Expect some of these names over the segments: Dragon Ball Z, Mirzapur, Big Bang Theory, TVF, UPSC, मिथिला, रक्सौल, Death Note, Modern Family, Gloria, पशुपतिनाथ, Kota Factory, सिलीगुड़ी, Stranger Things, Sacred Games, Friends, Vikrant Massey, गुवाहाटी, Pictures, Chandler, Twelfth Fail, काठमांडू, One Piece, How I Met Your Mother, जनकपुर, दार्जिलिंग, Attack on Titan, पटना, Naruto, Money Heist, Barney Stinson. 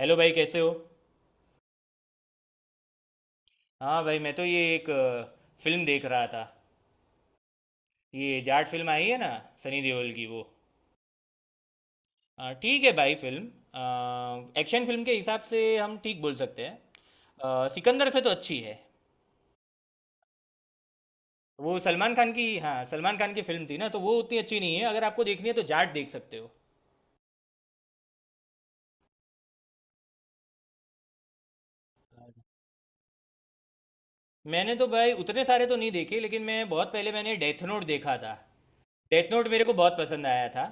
Hello भाई, कैसे हो। हाँ भाई, मैं तो ये एक फिल्म देख रहा था। ये जाट फिल्म आई है ना, सनी देओल की वो। ठीक है भाई फिल्म। एक्शन फिल्म के हिसाब से हम ठीक बोल सकते हैं। सिकंदर से तो अच्छी है। वो सलमान खान की, हाँ सलमान खान की फिल्म थी ना, तो वो उतनी अच्छी नहीं है। अगर आपको देखनी है तो जाट देख सकते हो। मैंने तो भाई उतने सारे तो नहीं देखे, लेकिन मैं बहुत पहले मैंने डेथ नोट देखा था। डेथ नोट मेरे को बहुत पसंद आया था।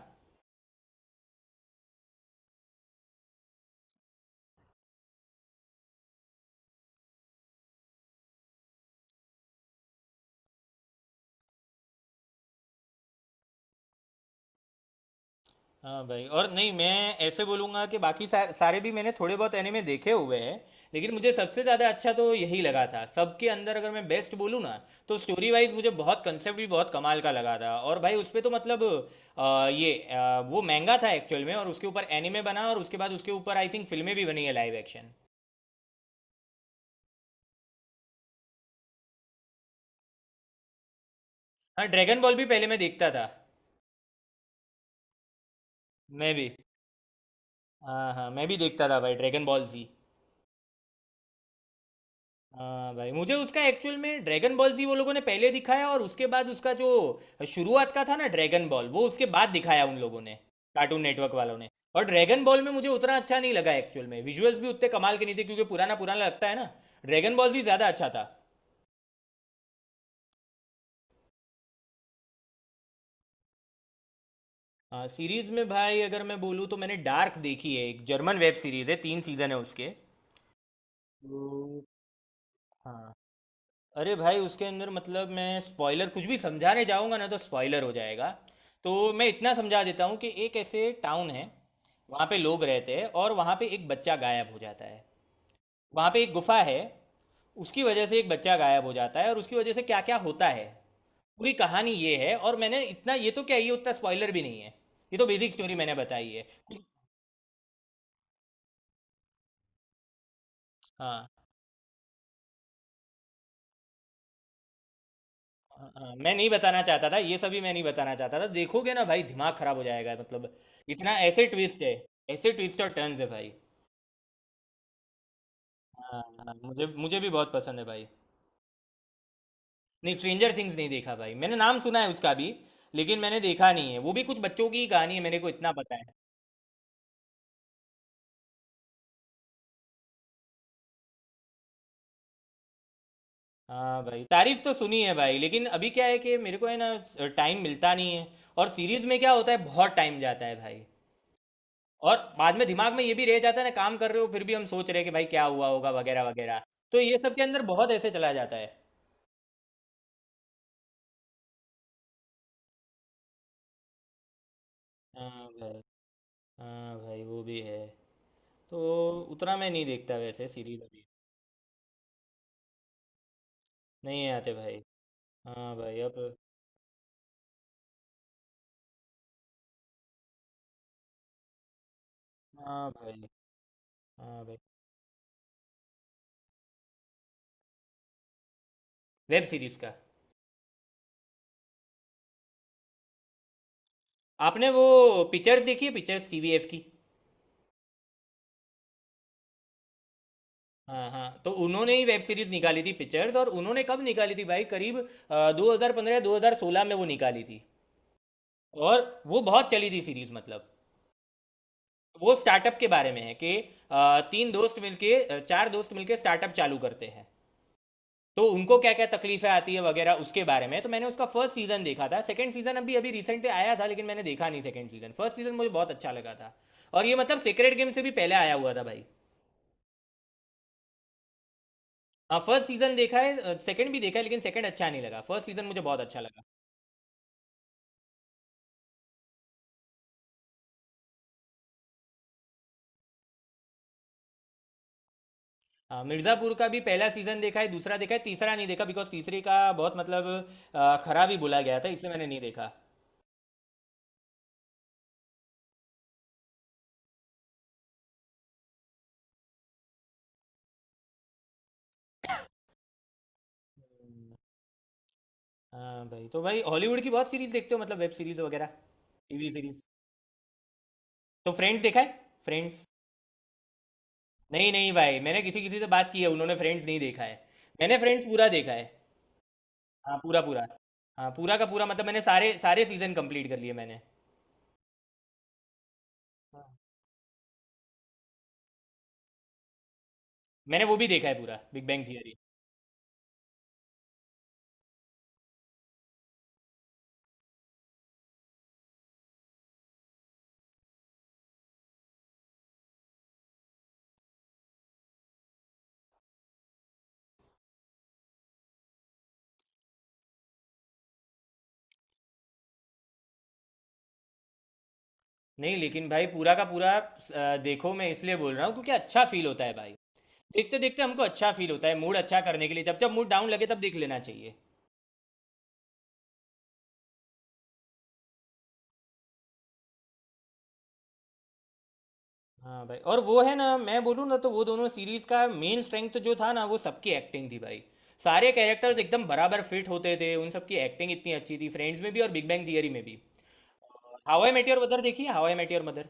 हाँ भाई, और नहीं मैं ऐसे बोलूँगा कि बाकी सारे भी मैंने थोड़े बहुत एनिमे देखे हुए हैं। लेकिन मुझे सबसे ज़्यादा अच्छा तो यही लगा था सबके अंदर, अगर मैं बेस्ट बोलूँ ना। तो स्टोरी वाइज मुझे बहुत कंसेप्ट भी बहुत कमाल का लगा था, और भाई उस पे तो मतलब। ये वो महंगा था एक्चुअल में, और उसके ऊपर एनिमे बना, और उसके बाद उसके ऊपर आई थिंक फिल्में भी बनी है, लाइव एक्शन। हाँ, ड्रैगन बॉल भी पहले मैं देखता था। मैं भी। हाँ हाँ, मैं भी देखता था भाई, ड्रैगन बॉल जी। हाँ भाई, मुझे उसका एक्चुअल में ड्रैगन बॉल जी वो लोगों ने पहले दिखाया, और उसके बाद उसका जो शुरुआत का था ना ड्रैगन बॉल वो उसके बाद दिखाया उन लोगों ने, कार्टून नेटवर्क वालों ने। और ड्रैगन बॉल में मुझे उतना अच्छा नहीं लगा एक्चुअल में, विजुअल्स भी उतने कमाल के नहीं थे, क्योंकि पुराना पुराना लगता है ना। ड्रैगन बॉल जी ज़्यादा अच्छा था। हाँ, सीरीज में भाई अगर मैं बोलूँ तो मैंने डार्क देखी है, एक जर्मन वेब सीरीज है, तीन सीजन है उसके। तो हाँ, अरे भाई उसके अंदर मतलब मैं स्पॉइलर कुछ भी समझाने जाऊंगा ना तो स्पॉइलर हो जाएगा। तो मैं इतना समझा देता हूँ कि एक ऐसे टाउन है, वहाँ पे लोग रहते हैं, और वहाँ पे एक बच्चा गायब हो जाता है। वहाँ पे एक गुफा है, उसकी वजह से एक बच्चा गायब हो जाता है, और उसकी वजह से क्या क्या होता है, पूरी कहानी ये है। और मैंने इतना ये तो क्या, ये उतना स्पॉइलर भी नहीं है, ये तो बेसिक स्टोरी मैंने बताई है। कुछ- हाँ हाँ, हाँ, मैं नहीं बताना चाहता था, ये सभी मैं नहीं बताना चाहता था, देखोगे ना भाई दिमाग खराब हो जाएगा, मतलब इतना ऐसे ट्विस्ट है, ऐसे ट्विस्ट और टर्न्स है भाई। हाँ हाँ, मुझे मुझे भी बहुत पसंद है भाई। नहीं, स्ट्रेंजर थिंग्स नहीं देखा भाई, मैंने नाम सुना है उसका भी, लेकिन मैंने देखा नहीं है। वो भी कुछ बच्चों की ही कहानी है, मेरे को इतना पता है। हाँ भाई, तारीफ तो सुनी है भाई, लेकिन अभी क्या है कि मेरे को है ना, टाइम मिलता नहीं है। और सीरीज में क्या होता है, बहुत टाइम जाता है भाई। और बाद में दिमाग में ये भी रह जाता है ना, काम कर रहे हो फिर भी हम सोच रहे हैं कि भाई क्या हुआ होगा वगैरह वगैरह। तो ये सब के अंदर बहुत ऐसे चला जाता है। हाँ भाई, हाँ भाई, वो भी है। तो उतना मैं नहीं देखता वैसे सीरीज अभी। नहीं आते भाई, हाँ भाई अब। हाँ भाई, हाँ भाई, वेब सीरीज का। आपने वो पिक्चर्स देखी है, पिक्चर्स टीवीएफ की। हाँ हाँ, तो उन्होंने ही वेब सीरीज निकाली थी, पिक्चर्स, और उन्होंने कब निकाली थी भाई, करीब 2015 2016 में वो निकाली थी। और वो बहुत चली थी सीरीज, मतलब वो स्टार्टअप के बारे में है कि अ, तीन दोस्त मिलके अ, चार दोस्त मिलके स्टार्टअप चालू करते हैं, तो उनको क्या क्या तकलीफें आती है वगैरह उसके बारे में। तो मैंने उसका फर्स्ट सीजन देखा था, सेकंड सीजन अभी अभी रिसेंटली आया था, लेकिन मैंने देखा नहीं सेकंड सीजन। फर्स्ट सीजन मुझे बहुत अच्छा लगा था, और ये मतलब सेक्रेड गेम से भी पहले आया हुआ था भाई। फर्स्ट सीजन देखा है, सेकंड भी देखा है, लेकिन सेकंड अच्छा नहीं लगा, फर्स्ट सीजन मुझे बहुत अच्छा लगा। हाँ, मिर्ज़ापुर का भी पहला सीजन देखा है, दूसरा देखा है, तीसरा नहीं देखा बिकॉज तीसरे का बहुत मतलब खराब ही बोला गया था, इसलिए मैंने नहीं देखा। हाँ भाई, तो भाई हॉलीवुड की बहुत सीरीज देखते हो, मतलब वेब सीरीज वगैरह, टीवी सीरीज। तो फ्रेंड्स देखा है, फ्रेंड्स। नहीं नहीं भाई, मैंने किसी किसी से बात की है, उन्होंने फ्रेंड्स नहीं देखा है। मैंने फ्रेंड्स पूरा देखा है। हाँ, पूरा पूरा। हाँ, पूरा का पूरा, मतलब मैंने सारे सारे सीजन कंप्लीट कर लिए मैंने। हाँ। मैंने वो भी देखा है, पूरा बिग बैंग थियरी। नहीं, लेकिन भाई पूरा का पूरा देखो, मैं इसलिए बोल रहा हूँ क्योंकि अच्छा फील होता है भाई। देखते देखते हमको अच्छा फील होता है, मूड अच्छा करने के लिए, जब जब मूड डाउन लगे तब देख लेना चाहिए। हाँ भाई, और वो है ना, मैं बोलूँ ना तो वो दोनों सीरीज का मेन स्ट्रेंथ जो था ना, वो सबकी एक्टिंग थी भाई। सारे कैरेक्टर्स एकदम बराबर फिट होते थे, उन सबकी एक्टिंग इतनी अच्छी थी, फ्रेंड्स में भी और बिग बैंग थियरी में भी। How I Met Your Mother देखी है, How I Met Your Mother,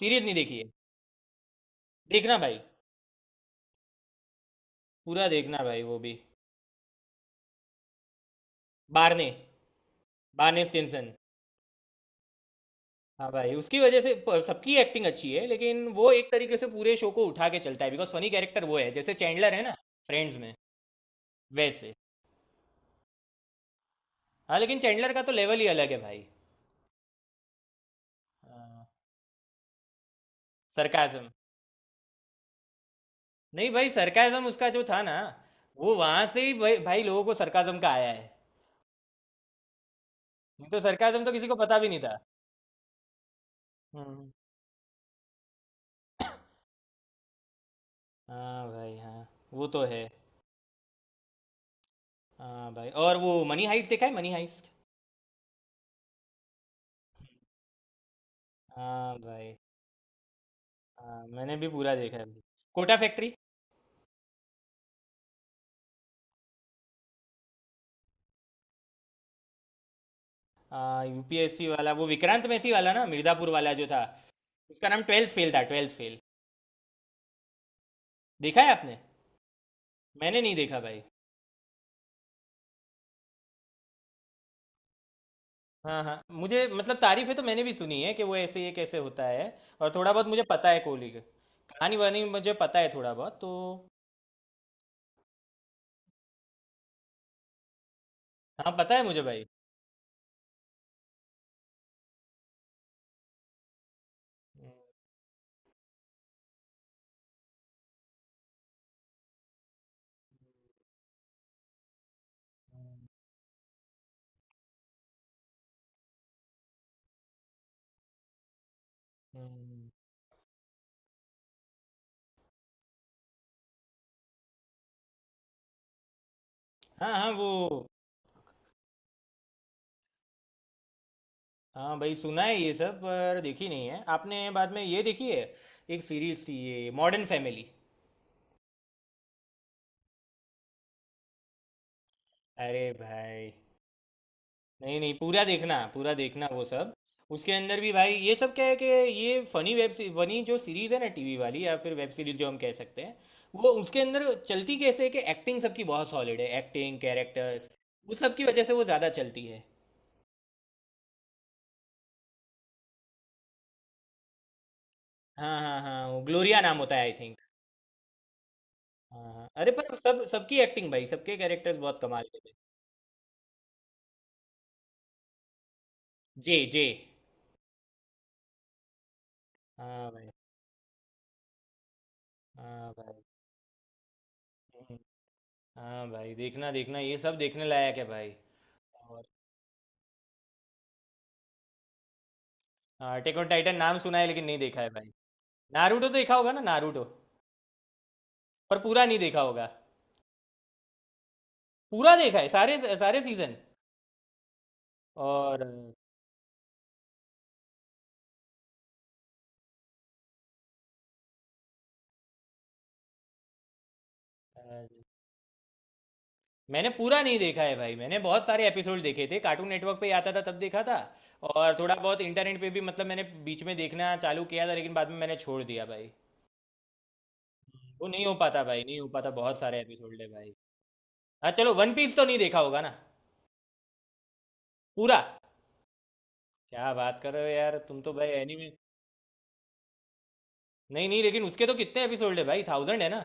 series नहीं देखी है। देखना भाई, पूरा देखना भाई वो भी। बारने, बारने स्टिनसन। हाँ भाई, उसकी वजह से सबकी एक्टिंग अच्छी है, लेकिन वो एक तरीके से पूरे शो को उठा के चलता है, बिकॉज फनी कैरेक्टर वो है, जैसे चैंडलर है ना फ्रेंड्स में, वैसे। हाँ, लेकिन चैंडलर का तो लेवल ही अलग है भाई। हाँ। सरकाजम, नहीं भाई, सरकाजम उसका जो था ना, वो वहां से ही भाई लोगों को सरकाजम का आया है। नहीं तो सरकाजम तो किसी को पता भी नहीं था। हम्म। हाँ भाई, हाँ, वो तो है। हाँ भाई, और वो मनी हाइस्ट देखा है, मनी हाइस्ट। हाँ भाई, हाँ मैंने भी पूरा देखा है भाई। कोटा फैक्ट्री। हाँ, यूपीएससी वाला, वो विक्रांत मैसी वाला ना, मिर्ज़ापुर वाला जो था, उसका नाम ट्वेल्थ फेल था, ट्वेल्थ फेल। देखा है आपने? मैंने नहीं देखा भाई। हाँ हाँ, मुझे मतलब तारीफें तो मैंने भी सुनी है कि वो ऐसे, ये कैसे होता है, और थोड़ा बहुत मुझे पता है कोहली का, कहानी वानी मुझे पता है थोड़ा बहुत तो। हाँ, पता है मुझे भाई। हम्म, हम्म। हाँ हाँ, वो हाँ भाई सुना है ये सब, पर देखी नहीं है। आपने बाद में ये देखी है? एक सीरीज थी ये, मॉडर्न फैमिली। अरे भाई, नहीं नहीं, पूरा देखना, पूरा देखना वो सब। उसके अंदर भी भाई, ये सब क्या है कि ये फनी वेब फनी जो सीरीज है ना, टीवी वाली या फिर वेब सीरीज जो हम कह सकते हैं, वो उसके अंदर चलती कैसे है कि एक्टिंग सबकी बहुत सॉलिड है, एक्टिंग, कैरेक्टर्स, उस सब की वजह से वो ज़्यादा चलती है। हाँ हाँ हाँ, वो ग्लोरिया नाम होता है आई थिंक। हाँ हाँ, अरे पर सब सबकी एक्टिंग भाई, सबके कैरेक्टर्स बहुत कमाल के थे। JJ, हाँ भाई, हाँ भाई। हम्म, हाँ भाई, देखना देखना ये सब देखने लायक है भाई। और हाँ, अटैक ऑन टाइटन नाम सुना है, लेकिन नहीं देखा है भाई। नारुतो देखा होगा ना, नारुतो, पर पूरा नहीं देखा होगा। पूरा देखा है सारे सारे सीजन? और अ, मैंने पूरा नहीं देखा है भाई, मैंने बहुत सारे एपिसोड देखे थे, कार्टून नेटवर्क पे ही आता था तब देखा था। और थोड़ा बहुत इंटरनेट पे भी, मतलब मैंने बीच में देखना चालू किया था, लेकिन बाद में मैंने छोड़ दिया भाई। वो नहीं हो पाता भाई, नहीं हो पाता, बहुत सारे एपिसोड है भाई। हाँ चलो, वन पीस तो नहीं देखा होगा ना, पूरा? क्या बात कर रहे हो यार, तुम तो भाई एनिमे। नहीं नहीं, लेकिन उसके तो कितने एपिसोड है भाई, थाउजेंड है ना?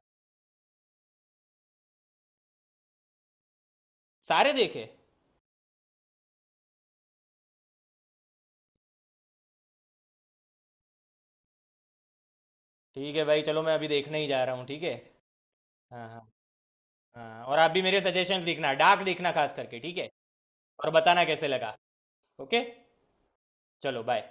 सारे देखे? ठीक है भाई, चलो मैं अभी देखने ही जा रहा हूँ, ठीक है। हाँ हाँ, हाँ, और आप भी मेरे सजेशंस लिखना, डार्क लिखना खास करके, ठीक है। और बताना कैसे लगा। ओके, चलो बाय।